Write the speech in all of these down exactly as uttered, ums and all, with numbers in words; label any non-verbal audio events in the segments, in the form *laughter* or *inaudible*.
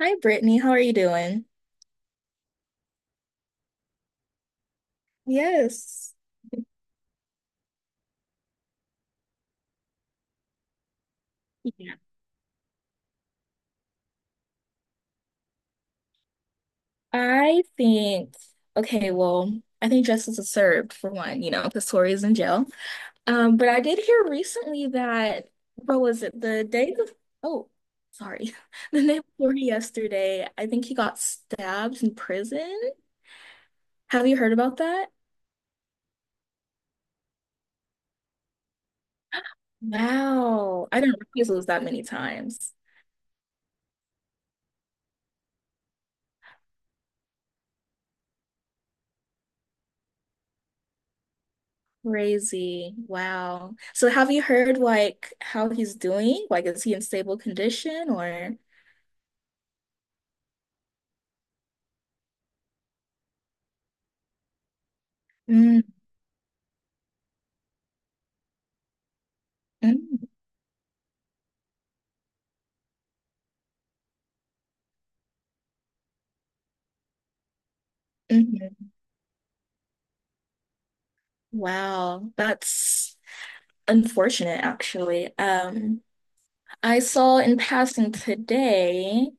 Hi, Brittany. How are you doing? Yes. I think, okay, well, I think justice is served for one, you know, because Tori is in jail. Um, but I did hear recently that, what was it, the day before, oh, sorry, *laughs* the day before yesterday, I think he got stabbed in prison. Have you heard about that? Wow. I didn't realize it was that many times. Crazy. Wow. So have you heard like how he's doing? Like, is he in stable condition or? Mm, mm, mhm. Wow, that's unfortunate, actually. Um, I saw in passing today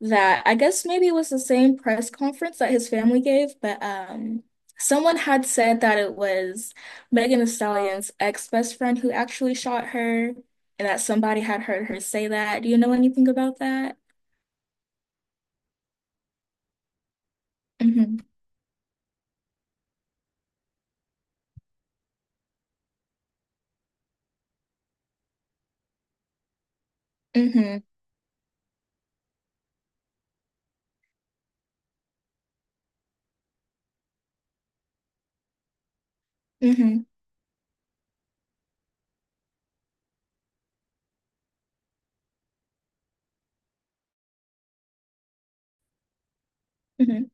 that I guess maybe it was the same press conference that his family gave, but um, someone had said that it was Megan Thee Stallion's ex-best friend who actually shot her, and that somebody had heard her say that. Do you know anything about that? Mm-hmm. Mm-hmm. Mm-hmm. Hmm.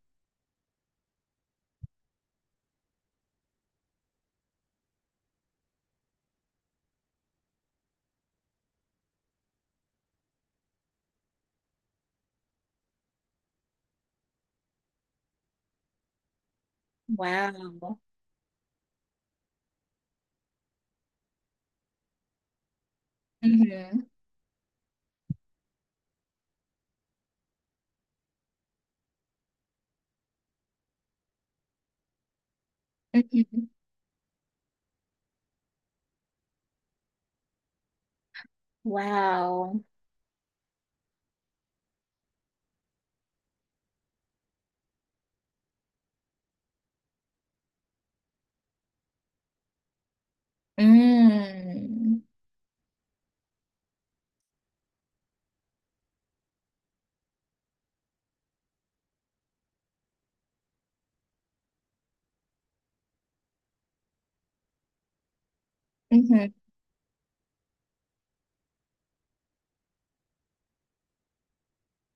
Wow. Mm-hmm. Hmm. Wow. Mm. Mm-hmm.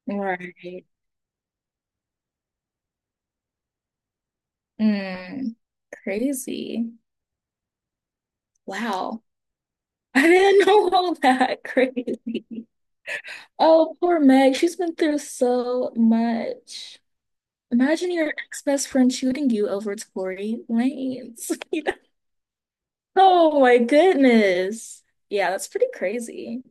Right. Mm. Crazy. Wow. *laughs* I didn't know all that. *laughs* Crazy. Oh, poor Meg. She's been through so much. Imagine your ex-best friend shooting you over Tory Lanez. *laughs* You know? Oh my goodness. Yeah, that's pretty crazy.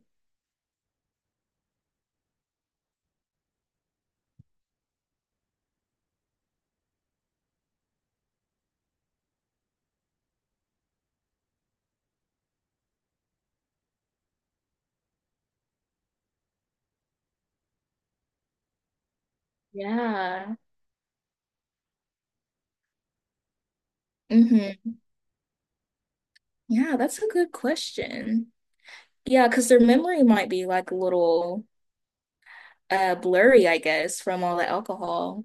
Yeah. Mm-hmm. Yeah, that's a good question. Yeah, because their memory might be like a little uh blurry, I guess, from all the alcohol.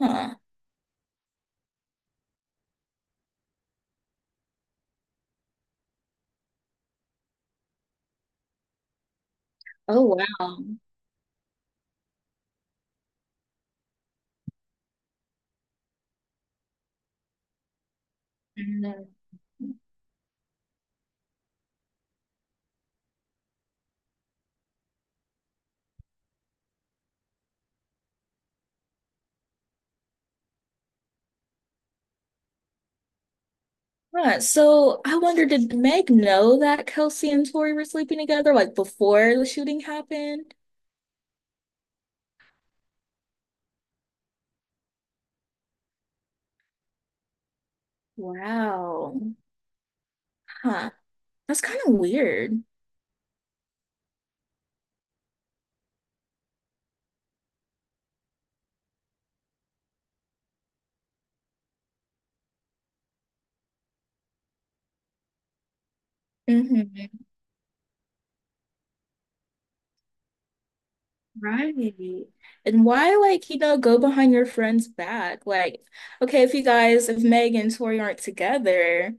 Huh. Oh, wow. Mhm. Huh. So I wonder, did Meg know that Kelsey and Tori were sleeping together like before the shooting happened? Wow. Huh. That's kind of weird. Hmm. Right. And why, like, you know, go behind your friend's back? Like, okay, if you guys, if Meg and Tori aren't together,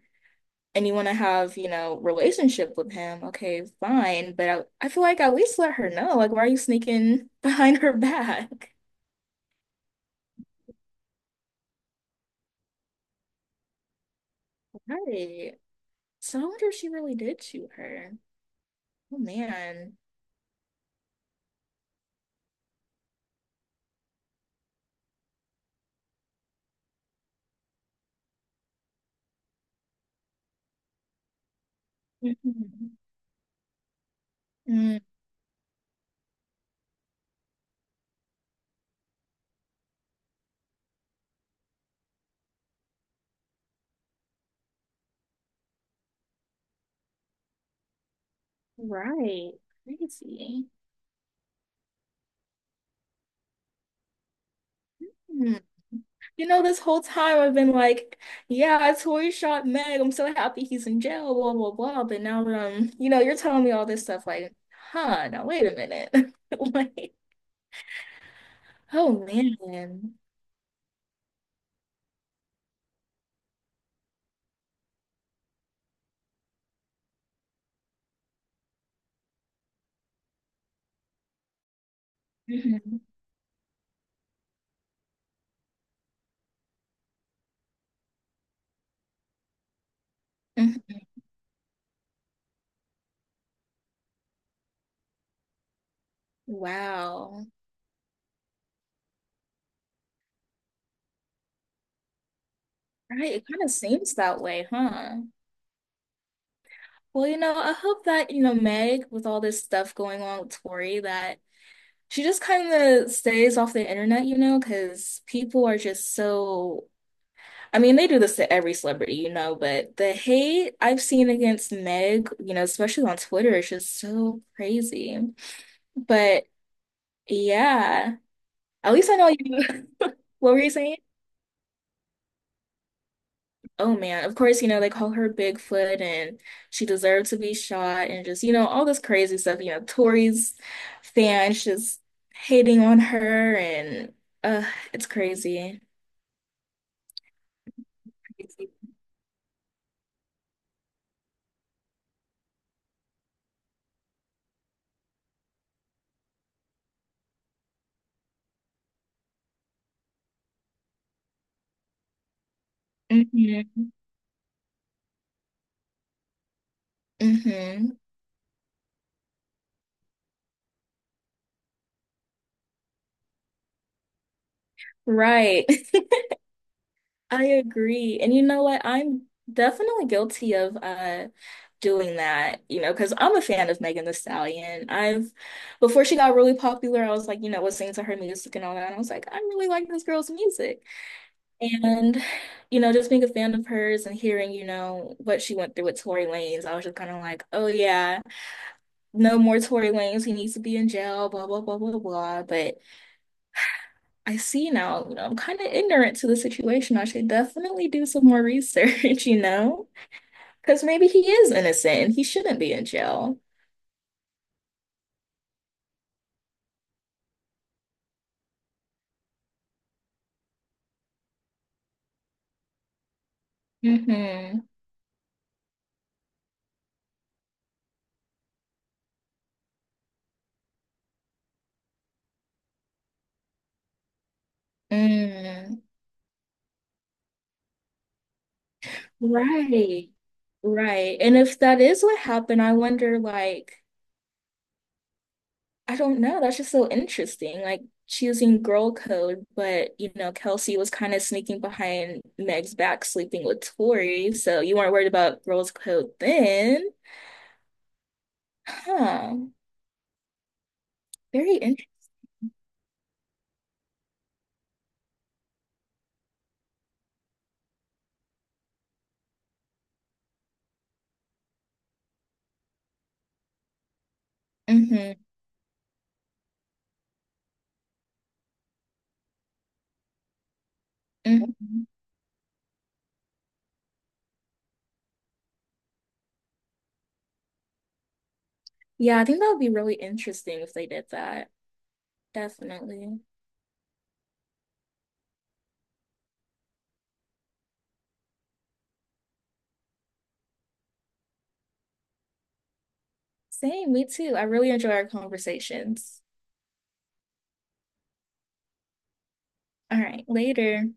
and you want to have, you know, relationship with him, okay, fine. But I, I feel like at least let her know. Like, why are you sneaking *laughs* behind her back? Right. So I wonder if she really did shoot her. Oh man. Mhm. Mm, right. Crazy. Hmm. You know, this whole time I've been like, yeah, Tori shot Meg. I'm so happy he's in jail, blah, blah, blah. But now, um, you know, you're telling me all this stuff like, huh, now wait a minute. *laughs* Like, oh man. Mhm. Mhm. Wow. Right, it kind of seems that way, huh? Well, you know, I hope that, you know, Meg, with all this stuff going on with Tori, that she just kind of stays off the internet, you know, because people are just so, I mean, they do this to every celebrity, you know, but the hate I've seen against Meg, you know, especially on Twitter, is just so crazy. But yeah, at least I know you. *laughs* What were you saying? Oh man, of course, you know, they call her Bigfoot and she deserved to be shot and just, you know, all this crazy stuff. You know, Tori's fans just hating on her and uh it's crazy. Crazy. Hmm. Hmm. Right. *laughs* I agree. And you know what? I'm definitely guilty of uh doing that, you know, because I'm a fan of Megan Thee Stallion. I've before she got really popular, I was like, you know, listening to her music and all that. And I was like, I really like this girl's music. And, you know, just being a fan of hers and hearing, you know, what she went through with Tory Lanez, I was just kind of like, oh yeah, no more Tory Lanez. He needs to be in jail, blah, blah, blah, blah, blah. But I see now, you know, I'm kind of ignorant to the situation. I should definitely do some more research, *laughs* you know, because maybe he is innocent and he shouldn't be in jail. Mm-hmm. Mm. Right. Right. And if that is what happened, I wonder, like, I don't know. That's just so interesting. Like, she was in girl code, but, you know, Kelsey was kind of sneaking behind Meg's back, sleeping with Tori. So you weren't worried about girls code then. Huh. Very interesting. Mhm. Yeah, I think that would be really interesting if they did that. Definitely. Same, me too. I really enjoy our conversations. All right, later.